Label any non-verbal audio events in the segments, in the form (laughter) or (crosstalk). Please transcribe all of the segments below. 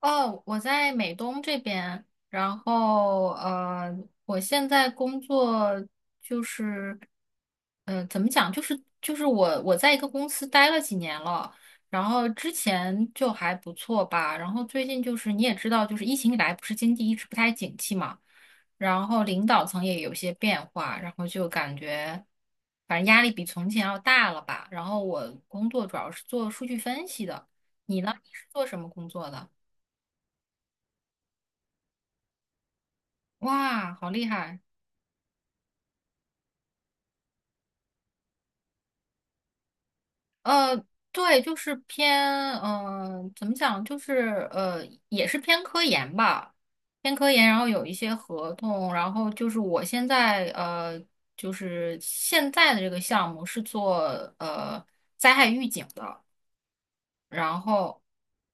哦，我在美东这边，然后我现在工作就是，怎么讲，就是我在一个公司待了几年了，然后之前就还不错吧，然后最近就是你也知道，就是疫情以来不是经济一直不太景气嘛，然后领导层也有些变化，然后就感觉反正压力比从前要大了吧，然后我工作主要是做数据分析的。你呢？你是做什么工作的？哇，好厉害！呃，对，就是偏，怎么讲，就是也是偏科研吧，偏科研，然后有一些合同，然后就是我现在就是现在的这个项目是做呃灾害预警的，然后。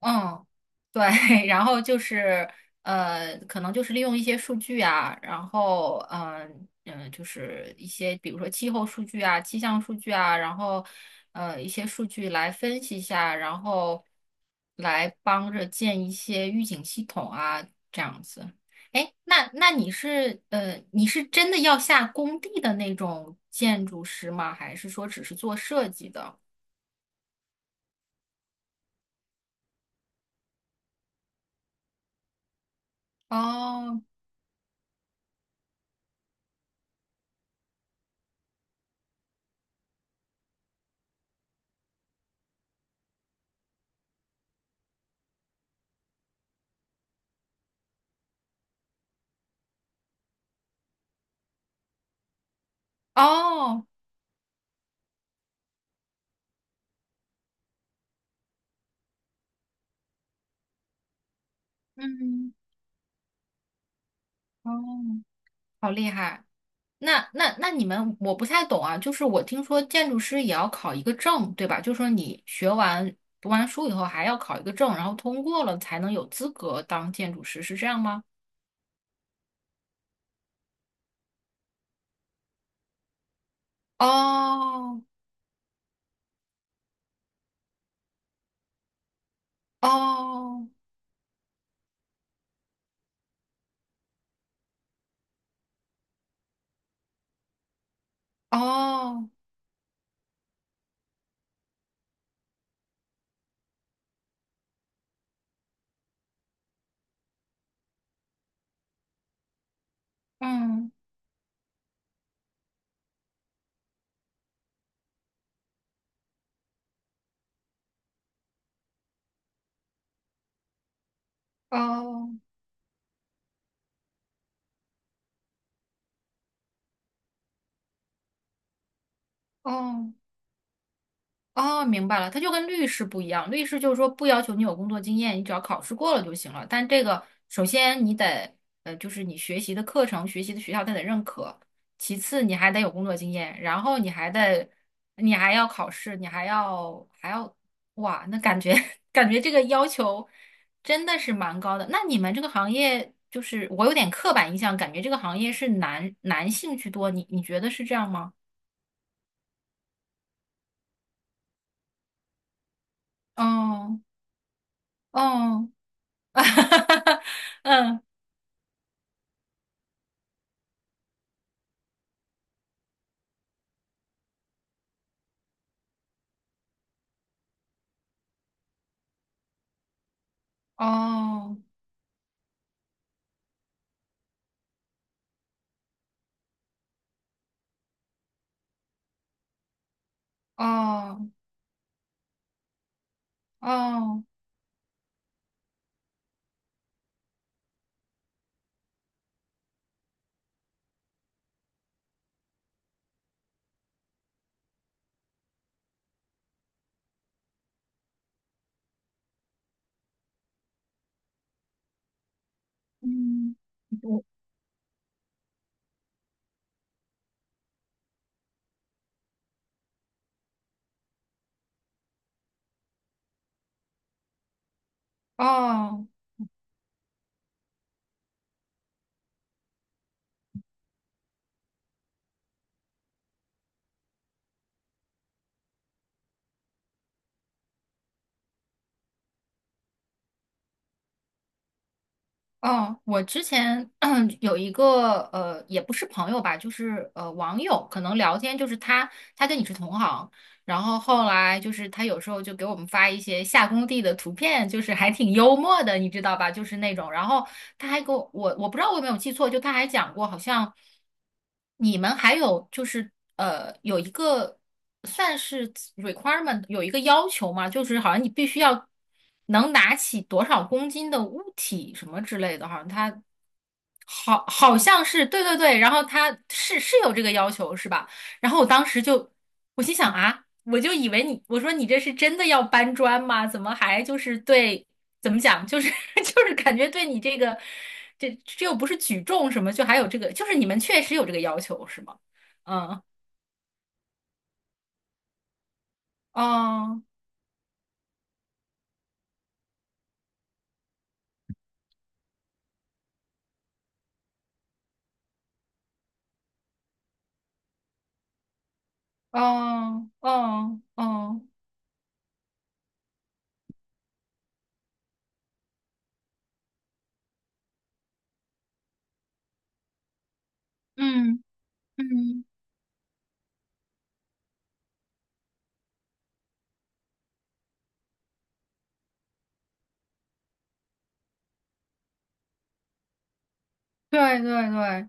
嗯，对，(laughs) 然后就是可能就是利用一些数据啊，然后就是一些比如说气候数据啊、气象数据啊，然后一些数据来分析一下，然后来帮着建一些预警系统啊，这样子。哎，那你是你是真的要下工地的那种建筑师吗？还是说只是做设计的？哦哦，嗯，哦。好厉害！那你们我不太懂啊，就是我听说建筑师也要考一个证，对吧？就是说你学完读完书以后还要考一个证，然后通过了才能有资格当建筑师，是这样吗？哦哦哦，嗯，哦哦哦。哦，明白了，他就跟律师不一样。律师就是说不要求你有工作经验，你只要考试过了就行了。但这个首先你得，就是你学习的课程、学习的学校他得认可，其次你还得有工作经验，然后你还得，你还要考试，你还要，哇，那感觉 (laughs) 感觉这个要求真的是蛮高的。那你们这个行业就是我有点刻板印象，感觉这个行业是男性居多，你觉得是这样吗？哦哦。(laughs) 哈哈哈，嗯，哦，哦，哦，嗯，我，哦，哦，我之前 (clears throat) 有一个也不是朋友吧，就是网友，可能聊天就是他跟你是同行，然后后来就是他有时候就给我们发一些下工地的图片，就是还挺幽默的，你知道吧？就是那种，然后他还给我，我不知道我有没有记错，就他还讲过，好像你们还有就是有一个算是 requirement， 有一个要求嘛，就是好像你必须要能拿起多少公斤的物体什么之类的，好像他好像是对对对，然后他是有这个要求是吧？然后我当时就，我心想啊，我就以为你，我说你这是真的要搬砖吗？怎么还就是对，怎么讲，就是 (laughs) 就是感觉对你这个，这又不是举重什么，就还有这个，就是你们确实有这个要求是吗？嗯，哦哦哦哦，嗯嗯，对对对。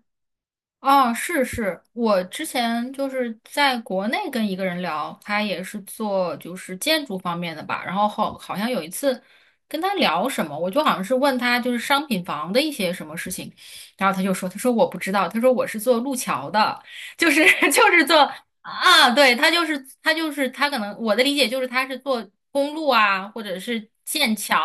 哦，是是，我之前就是在国内跟一个人聊，他也是做就是建筑方面的吧，然后好像有一次跟他聊什么，我就好像是问他就是商品房的一些什么事情，然后他说我不知道，他说我是做路桥的，就是 (laughs) 就是做啊，对，他就是他就是他可能我的理解就是他是做公路啊，或者是建桥。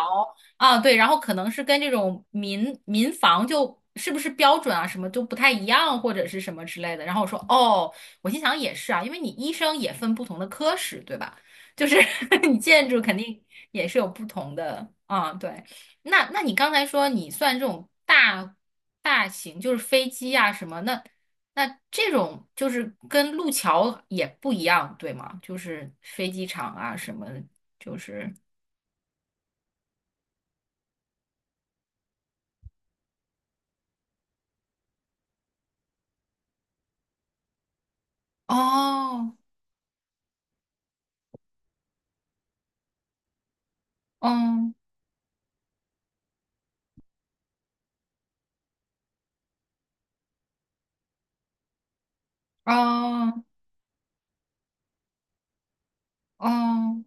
啊，对，然后可能是跟这种民房就是不是标准啊，什么都不太一样，或者是什么之类的。然后我说，哦，我心想也是啊，因为你医生也分不同的科室，对吧？就是 (laughs) 你建筑肯定也是有不同的啊，对。那你刚才说你算这种大型，就是飞机啊什么，那这种就是跟路桥也不一样，对吗？就是飞机场啊什么，就是哦，嗯。哦哦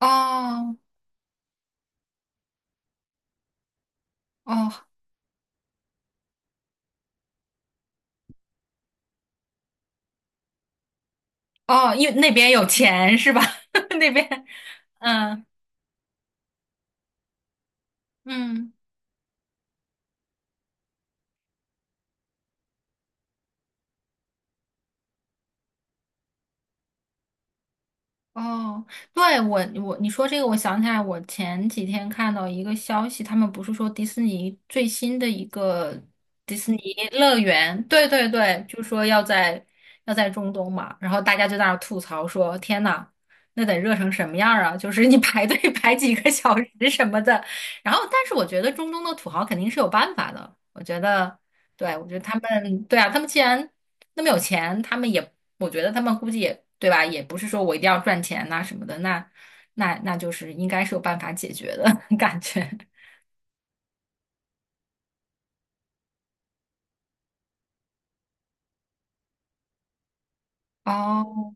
哦哦哦，因为那边有钱是吧？(laughs) 那边，嗯嗯。哦，对，我你说这个，我想起来，我前几天看到一个消息，他们不是说迪士尼最新的一个迪士尼乐园，对对对，就说要在中东嘛，然后大家就在那儿吐槽说，天呐，那得热成什么样儿啊！就是你排队 (laughs) 排几个小时什么的。然后，但是我觉得中东的土豪肯定是有办法的，我觉得，对，我觉得他们，对啊，他们既然那么有钱，他们也，我觉得他们估计也，对吧？也不是说我一定要赚钱呐、什么的，那就是应该是有办法解决的 (laughs) 感觉。哦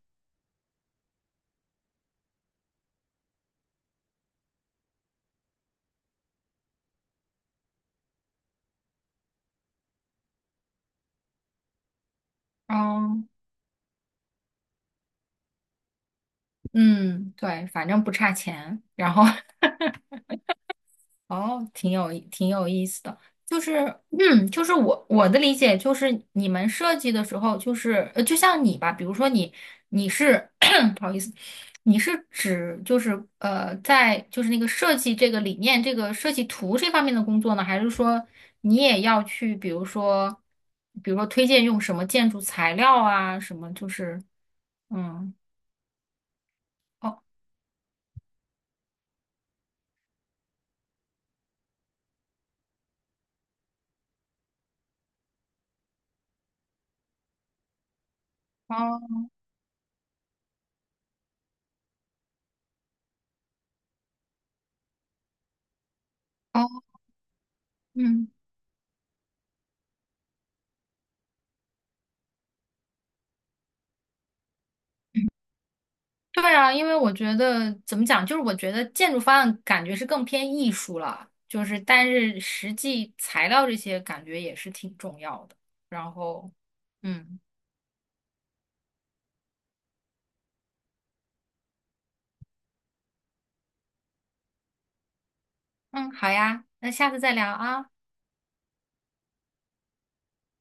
哦，嗯，对，反正不差钱，然后 (laughs) 哦，挺有意思的，就是，就是我的理解就是，你们设计的时候，就是就像你吧，比如说你是 (coughs) (clears throat) 不好意思，你是指就是在就是那个设计这个理念、这个设计图这方面的工作呢，还是说你也要去，比如说推荐用什么建筑材料啊，什么就是嗯，哦哦哦，嗯。对啊，因为我觉得怎么讲，就是我觉得建筑方案感觉是更偏艺术了，就是但是实际材料这些感觉也是挺重要的。然后，嗯嗯，好呀，那下次再聊啊。